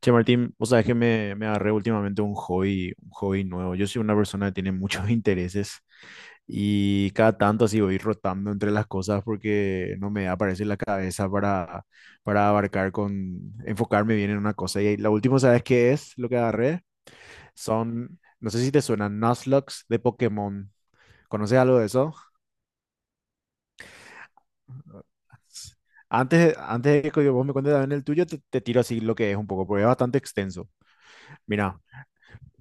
Che, Martín, vos sabés que me agarré últimamente un hobby nuevo. Yo soy una persona que tiene muchos intereses y cada tanto así voy rotando entre las cosas porque no me aparece la cabeza para abarcar enfocarme bien en una cosa. Y la última, ¿sabes qué es lo que agarré? Son, no sé si te suenan Nuzlocke de Pokémon. ¿Conoces algo de eso? Antes de que vos me cuentes también el tuyo, te tiro así lo que es un poco, porque es bastante extenso. Mira.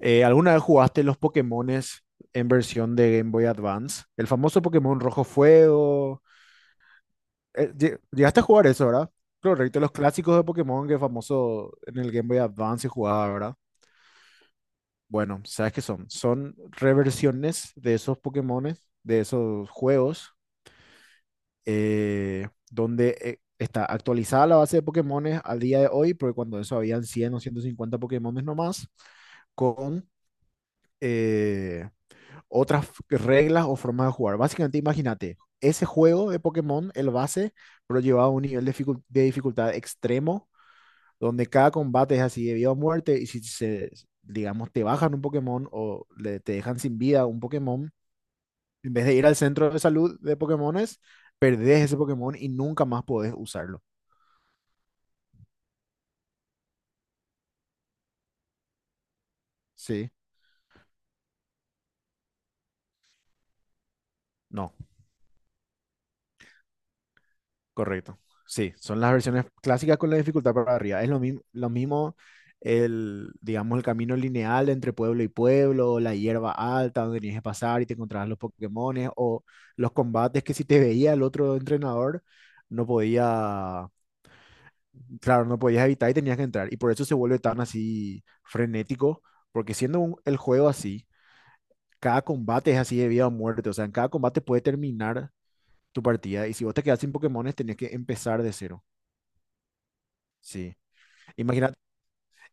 ¿Alguna vez jugaste los Pokémones en versión de Game Boy Advance? El famoso Pokémon Rojo Fuego. ¿Llegaste a jugar eso, verdad? Correcto, los clásicos de Pokémon que famoso en el Game Boy Advance se jugaba, ¿verdad? Bueno, ¿sabes qué son? Son reversiones de esos Pokémones, de esos juegos, donde está actualizada la base de Pokémones al día de hoy, porque cuando eso habían 100, o 150 Pokémones nomás, con... eh, otras reglas o formas de jugar. Básicamente, imagínate, ese juego de Pokémon, el base, pero llevado a un nivel de dificultad extremo, donde cada combate es así de vida o muerte, y si se, digamos, te bajan un Pokémon o te dejan sin vida un Pokémon, en vez de ir al centro de salud de Pokémones, perdés ese Pokémon y nunca más podés usarlo. Sí, no. Correcto. Sí, son las versiones clásicas con la dificultad para arriba. Es lo mismo el, digamos, el camino lineal entre pueblo y pueblo, la hierba alta donde tenías que pasar y te encontrabas los Pokémones, o los combates que si te veía el otro entrenador, no podía, claro, no podías evitar y tenías que entrar. Y por eso se vuelve tan así frenético, porque el juego así, cada combate es así de vida o muerte. O sea, en cada combate puede terminar tu partida. Y si vos te quedas sin Pokémones, tenías que empezar de cero. Sí. Imagínate,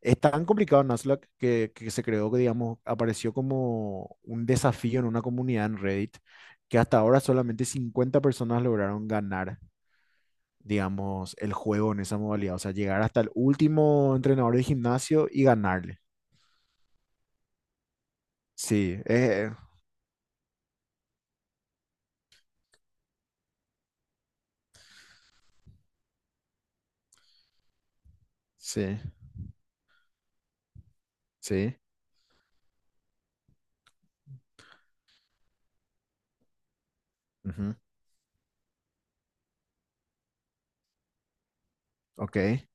es tan complicado Nuzlocke que se creó, que digamos, apareció como un desafío en una comunidad en Reddit, que hasta ahora solamente 50 personas lograron ganar, digamos, el juego en esa modalidad. O sea, llegar hasta el último entrenador de gimnasio y ganarle. Sí, sí, sí. Ujú. Ok.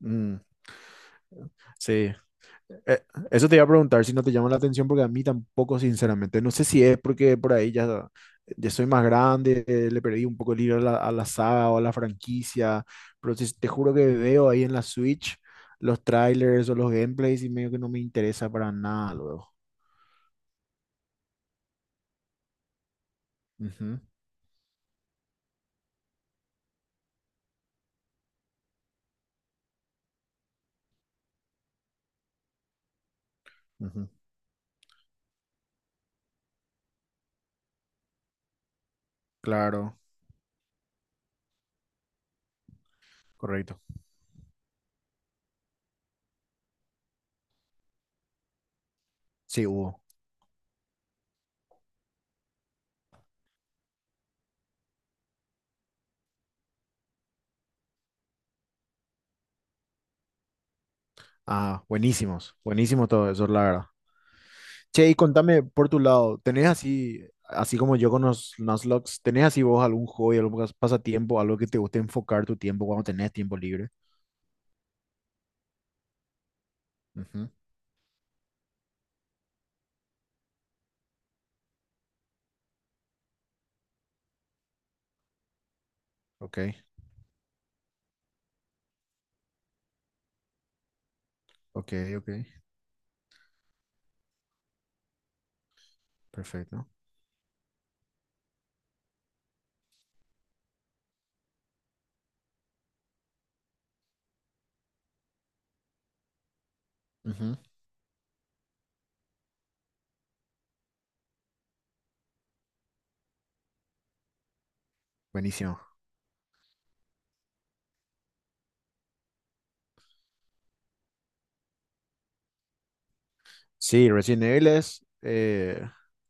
Mm, sí. Eh, Eso te iba a preguntar si no te llama la atención, porque a mí tampoco, sinceramente. No sé si es porque por ya soy más grande, le perdí un poco el hilo a a la saga o a la franquicia, pero te juro que veo ahí en la Switch los trailers o los gameplays y medio que no me interesa para nada luego. Ujú, ujú. Claro, correcto. Sí, hubo. Ah, buenísimos, buenísimo todo eso, la verdad. Che, y contame por tu lado, ¿tenés así, así como yo con los Nuzlocke, tenés así vos algún hobby, algún pasatiempo, algo que te guste enfocar tu tiempo cuando tenés tiempo libre? Ujú. Ok, ok, ok, perfecto. Ujú. Buenísimo. Sí, Resident Evil es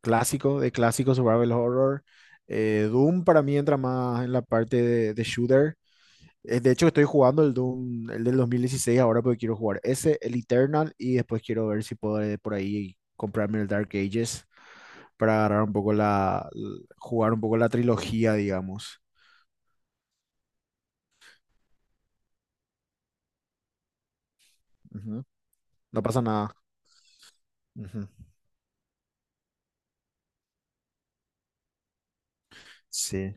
clásico, de clásico survival horror. Doom para mí entra más en la parte de shooter. De hecho, estoy jugando el Doom, el del 2016 ahora porque quiero jugar ese, el Eternal, y después quiero ver si puedo por ahí comprarme el Dark Ages para agarrar un poco jugar un poco la trilogía, digamos. Ujú. No pasa nada. Ujú. Sí.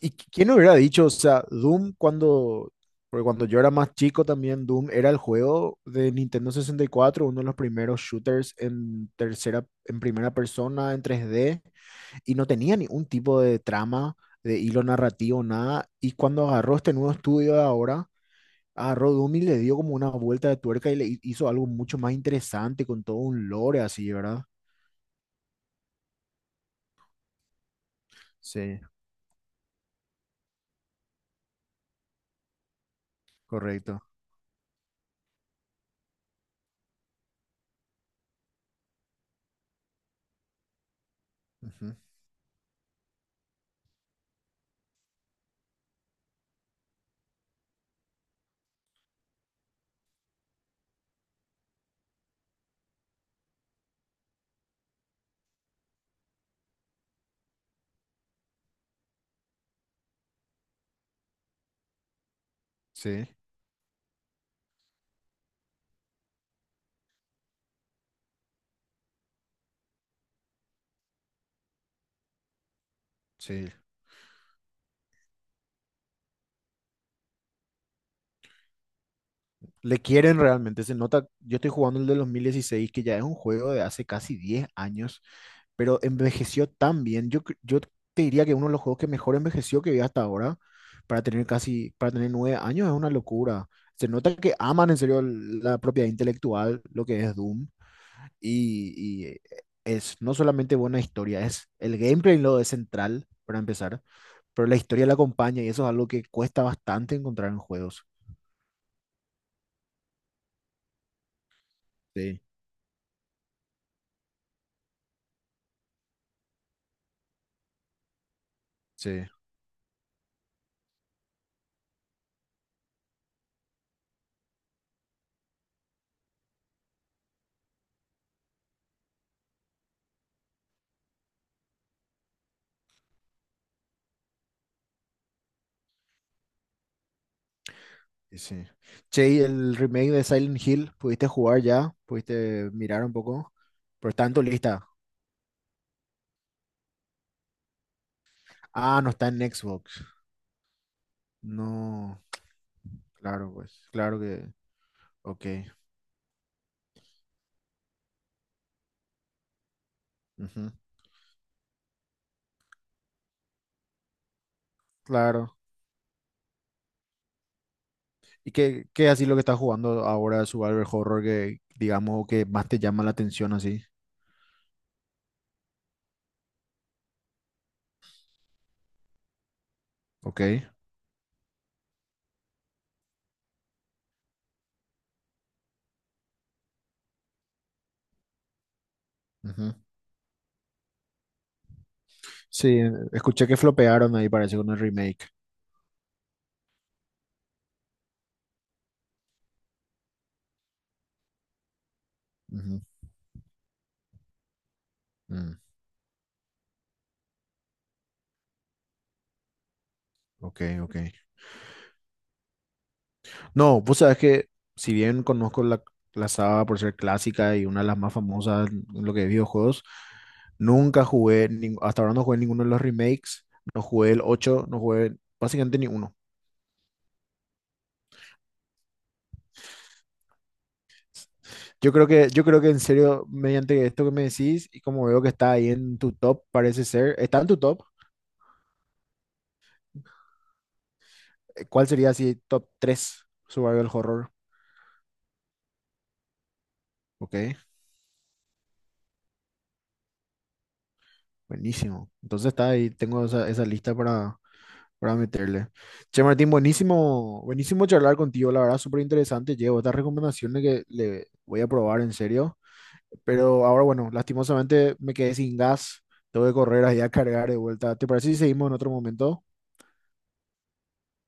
¿Y quién hubiera dicho? O sea, porque cuando yo era más chico también, Doom era el juego de Nintendo 64, uno de los primeros shooters en tercera, en primera persona, en 3D. Y no tenía ningún tipo de trama, de hilo narrativo, nada. Y cuando agarró este nuevo estudio de ahora, agarró Doom y le dio como una vuelta de tuerca y le hizo algo mucho más interesante con todo un lore así, ¿verdad? Sí, correcto. Ujú. Sí, sí. Le quieren realmente, se nota. Yo estoy jugando el de 2016, que ya es un juego de hace casi 10 años, pero envejeció tan bien. Yo te diría que uno de los juegos que mejor envejeció que vi hasta ahora, para tener para tener 9 años, es una locura. Se nota que aman en serio la propiedad intelectual, lo que es Doom, y, y es no solamente buena historia, es el gameplay lo es central, para empezar, pero la historia la acompaña y eso es algo que cuesta bastante encontrar en juegos. Sí, sí, y sí. Che, ¿y el remake de Silent Hill, pudiste jugar ya? ¿Pudiste mirar un poco? Por tanto, lista. Ah, no está en Xbox. No, claro, pues, claro que, ok, ujú, claro. ¿Y qué, qué así lo que estás jugando ahora, Survival Horror, que digamos que más te llama la atención así? Ok, ujú. Sí, escuché que flopearon ahí, parece, con el remake. Ujú, mm, ok, ok. No, vos sabés que si bien conozco la saga por ser clásica y una de las más famosas en lo que es videojuegos, nunca jugué, hasta ahora no jugué ninguno de los remakes, no jugué el 8, no jugué básicamente ni uno. Yo creo que en serio, mediante esto que me decís y como veo que está ahí en tu top, parece ser, está en tu top, ¿cuál sería así top 3 survival horror? Ok, buenísimo. Entonces está ahí, tengo esa lista para meterle. Che, Martín, buenísimo, buenísimo charlar contigo, la verdad, súper interesante. Llevo estas recomendaciones que le voy a probar en serio, pero ahora, bueno, lastimosamente me quedé sin gas, tengo que correr ahí a cargar de vuelta. ¿Te parece si seguimos en otro momento?